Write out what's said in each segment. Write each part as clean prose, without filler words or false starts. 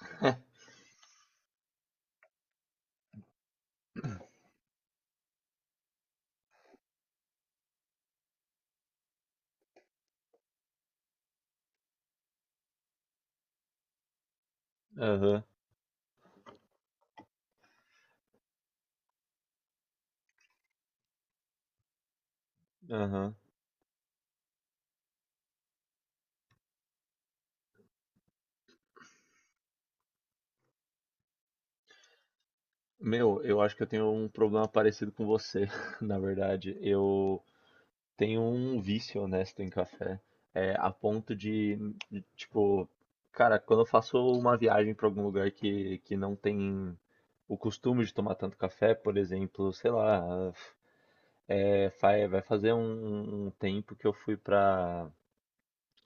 Aham, aham. Meu, eu acho que eu tenho um problema parecido com você, na verdade. Eu tenho um vício honesto em café, a ponto de, tipo, cara, quando eu faço uma viagem para algum lugar que não tem o costume de tomar tanto café, por exemplo, sei lá, vai fazer um tempo que eu fui para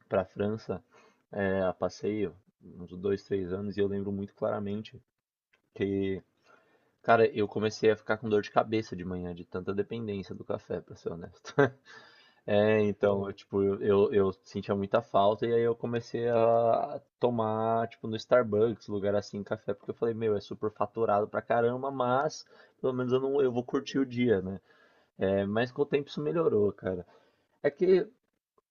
pra França, é, a passeio, uns dois, três anos, e eu lembro muito claramente que. Cara, eu comecei a ficar com dor de cabeça de manhã, de tanta dependência do café, pra ser honesto. É, então, eu, eu sentia muita falta e aí eu comecei a tomar, tipo, no Starbucks, lugar assim, café, porque eu falei, meu, é super faturado pra caramba, mas pelo menos eu não, eu vou curtir o dia, né? É, mas com o tempo isso melhorou, cara. É que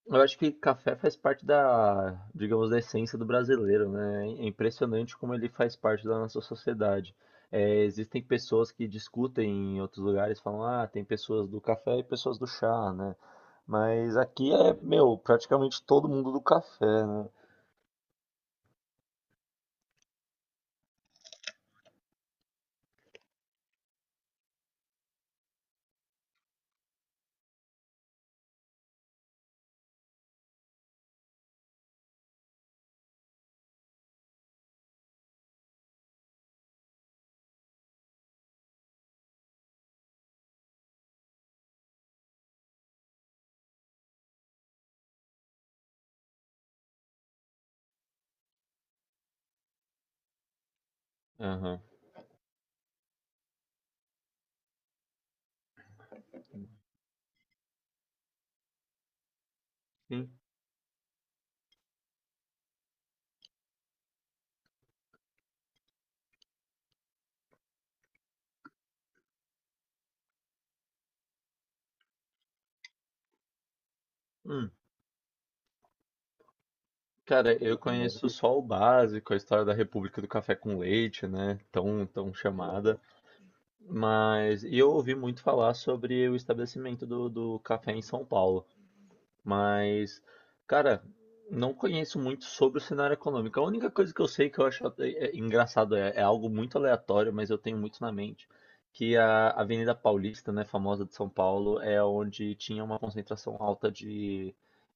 eu acho que café faz parte da, digamos, da essência do brasileiro, né? É impressionante como ele faz parte da nossa sociedade. Existem pessoas que discutem em outros lugares, falam, ah, tem pessoas do café e pessoas do chá, né? Mas aqui é, meu, praticamente todo mundo do café, né? Aham. Sim. Hum. Cara, eu conheço só o básico, a história da República do Café com Leite, né? Tão chamada. Mas e eu ouvi muito falar sobre o estabelecimento do café em São Paulo. Mas, cara, não conheço muito sobre o cenário econômico. A única coisa que eu sei que eu acho é engraçado é, é algo muito aleatório, mas eu tenho muito na mente, que a Avenida Paulista, né, famosa de São Paulo, é onde tinha uma concentração alta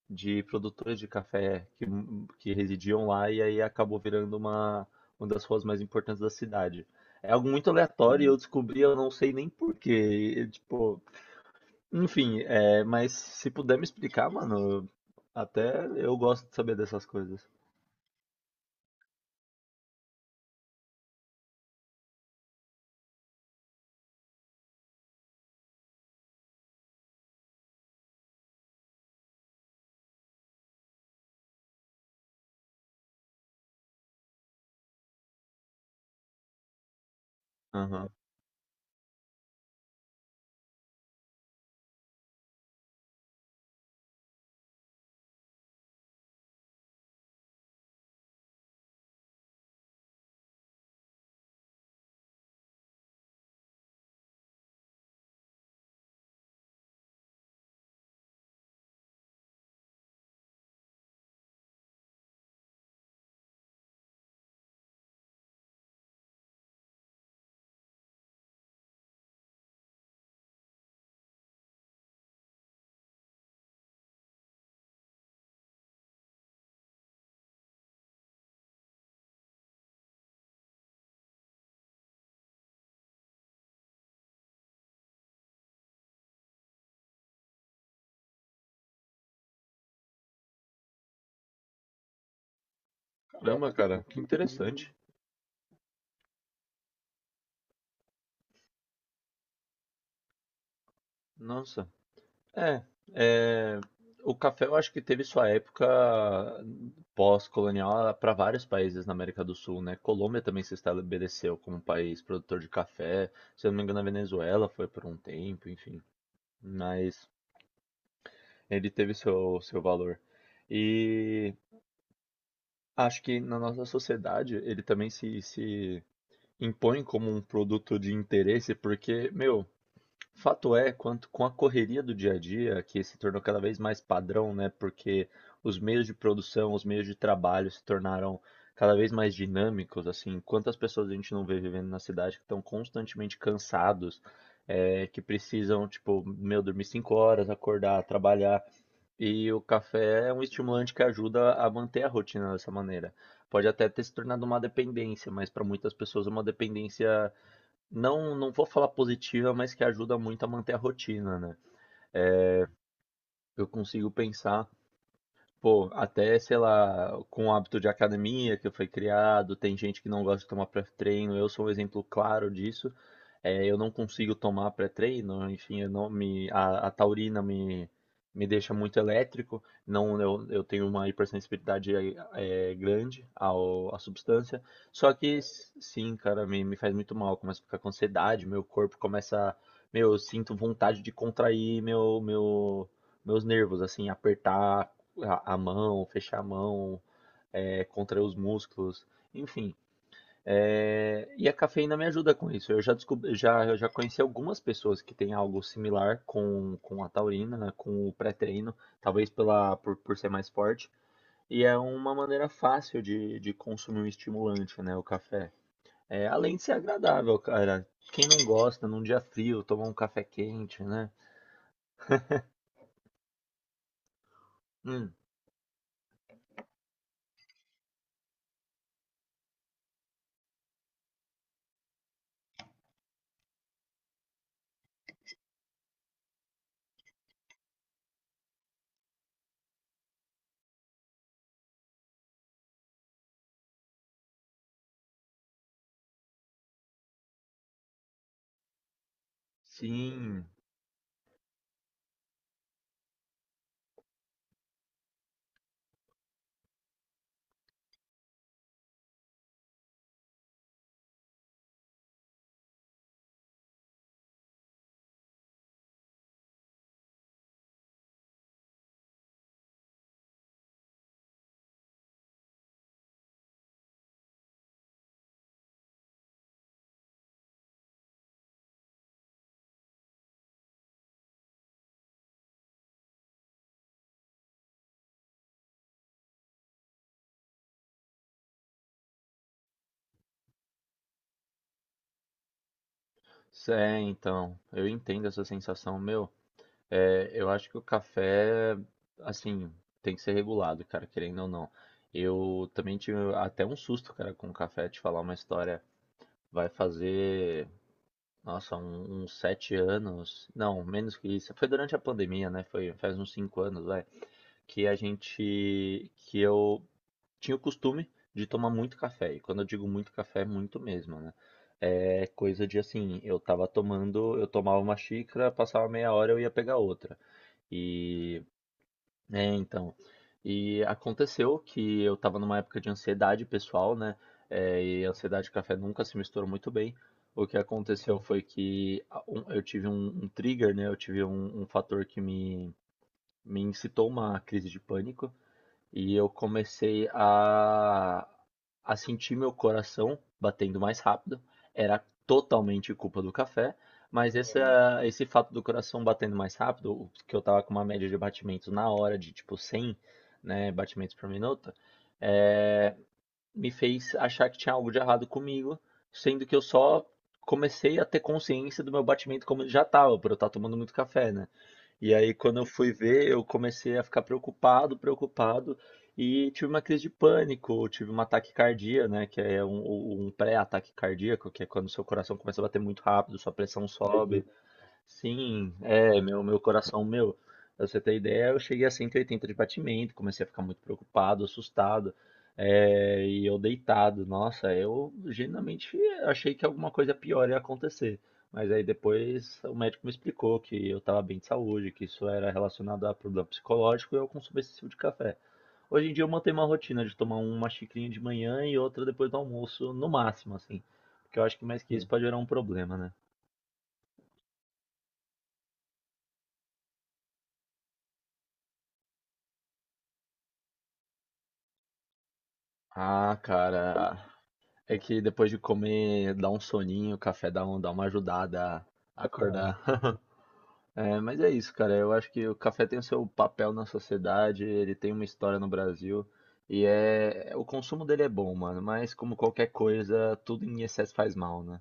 de produtores de café que residiam lá e aí acabou virando uma das ruas mais importantes da cidade. É algo muito aleatório e eu descobri, eu não sei nem porquê, tipo, enfim, é, mas se puder me explicar, mano, até eu gosto de saber dessas coisas. Aham. Caramba, cara, que interessante. Nossa. É, é, o café eu acho que teve sua época pós-colonial para vários países na América do Sul, né? Colômbia também se estabeleceu como país produtor de café. Se eu não me engano, a Venezuela foi por um tempo, enfim. Mas ele teve seu valor. E acho que na nossa sociedade ele também se impõe como um produto de interesse, porque, meu, fato é, quanto com a correria do dia a dia, que se tornou cada vez mais padrão, né? Porque os meios de produção, os meios de trabalho se tornaram cada vez mais dinâmicos, assim, quantas pessoas a gente não vê vivendo na cidade que estão constantemente cansados, é, que precisam, tipo, meu, dormir cinco horas, acordar, trabalhar. E o café é um estimulante que ajuda a manter a rotina dessa maneira. Pode até ter se tornado uma dependência, mas para muitas pessoas é uma dependência não vou falar positiva, mas que ajuda muito a manter a rotina, né? Eu consigo pensar, pô, até, sei lá, com o hábito de academia que foi criado, tem gente que não gosta de tomar pré-treino, eu sou um exemplo claro disso. É, eu não consigo tomar pré-treino, enfim, eu não me, a taurina me deixa muito elétrico, não, eu tenho uma hipersensibilidade grande ao, à substância. Só que, sim, cara, me faz muito mal, eu começo a ficar com ansiedade, meu corpo começa, meu, eu sinto vontade de contrair meu, meus nervos, assim, apertar a mão, fechar a mão, é, contrair os músculos, enfim. É, e a cafeína me ajuda com isso. Eu já descobri, já, eu já conheci algumas pessoas que têm algo similar com a taurina, né, com o pré-treino, talvez por ser mais forte. E é uma maneira fácil de consumir um estimulante, né? O café. É, além de ser agradável, cara. Quem não gosta, num dia frio, tomar um café quente, né? Hum, sim. É, então. Eu entendo essa sensação, meu. É, eu acho que o café, assim, tem que ser regulado, cara, querendo ou não. Eu também tive até um susto, cara, com o café, te falar uma história. Vai fazer, nossa, uns sete anos, não, menos que isso. Foi durante a pandemia, né? Foi faz uns cinco anos, vai, que que eu tinha o costume de tomar muito café. E quando eu digo muito café, é muito mesmo, né? É coisa de assim, eu tomava uma xícara, passava meia hora, eu ia pegar outra. E É, então. E aconteceu que eu estava numa época de ansiedade pessoal, né? É, e ansiedade e café nunca se misturam muito bem. O que aconteceu foi que eu tive um trigger, né? Eu tive um fator que me incitou uma crise de pânico. E eu comecei a sentir meu coração batendo mais rápido. Era totalmente culpa do café, mas esse fato do coração batendo mais rápido, que eu tava com uma média de batimentos na hora de tipo 100, né, batimentos por minuto, é, me fez achar que tinha algo de errado comigo, sendo que eu só comecei a ter consciência do meu batimento como ele já tava, por eu estar tomando muito café, né? E aí, quando eu fui ver, eu comecei a ficar preocupado, e tive uma crise de pânico, tive uma taquicardia, né? Que é um pré-ataque cardíaco, que é quando seu coração começa a bater muito rápido, sua pressão sobe. Sim, é, meu, pra você ter ideia, eu cheguei a 180 de batimento, comecei a ficar muito preocupado, assustado, é, e eu deitado, nossa, eu genuinamente achei que alguma coisa pior ia acontecer, mas aí depois o médico me explicou que eu estava bem de saúde, que isso era relacionado a problema psicológico e ao consumo excessivo de café. Hoje em dia eu mantenho uma rotina de tomar uma xicrinha de manhã e outra depois do almoço, no máximo, assim, porque eu acho que mais que isso pode gerar um problema, né? Ah, cara. É que depois de comer, dá um soninho, o café dá, um, dá uma ajudada a acordar. É, mas é isso, cara. Eu acho que o café tem o seu papel na sociedade, ele tem uma história no Brasil. E é, o consumo dele é bom, mano. Mas como qualquer coisa, tudo em excesso faz mal, né?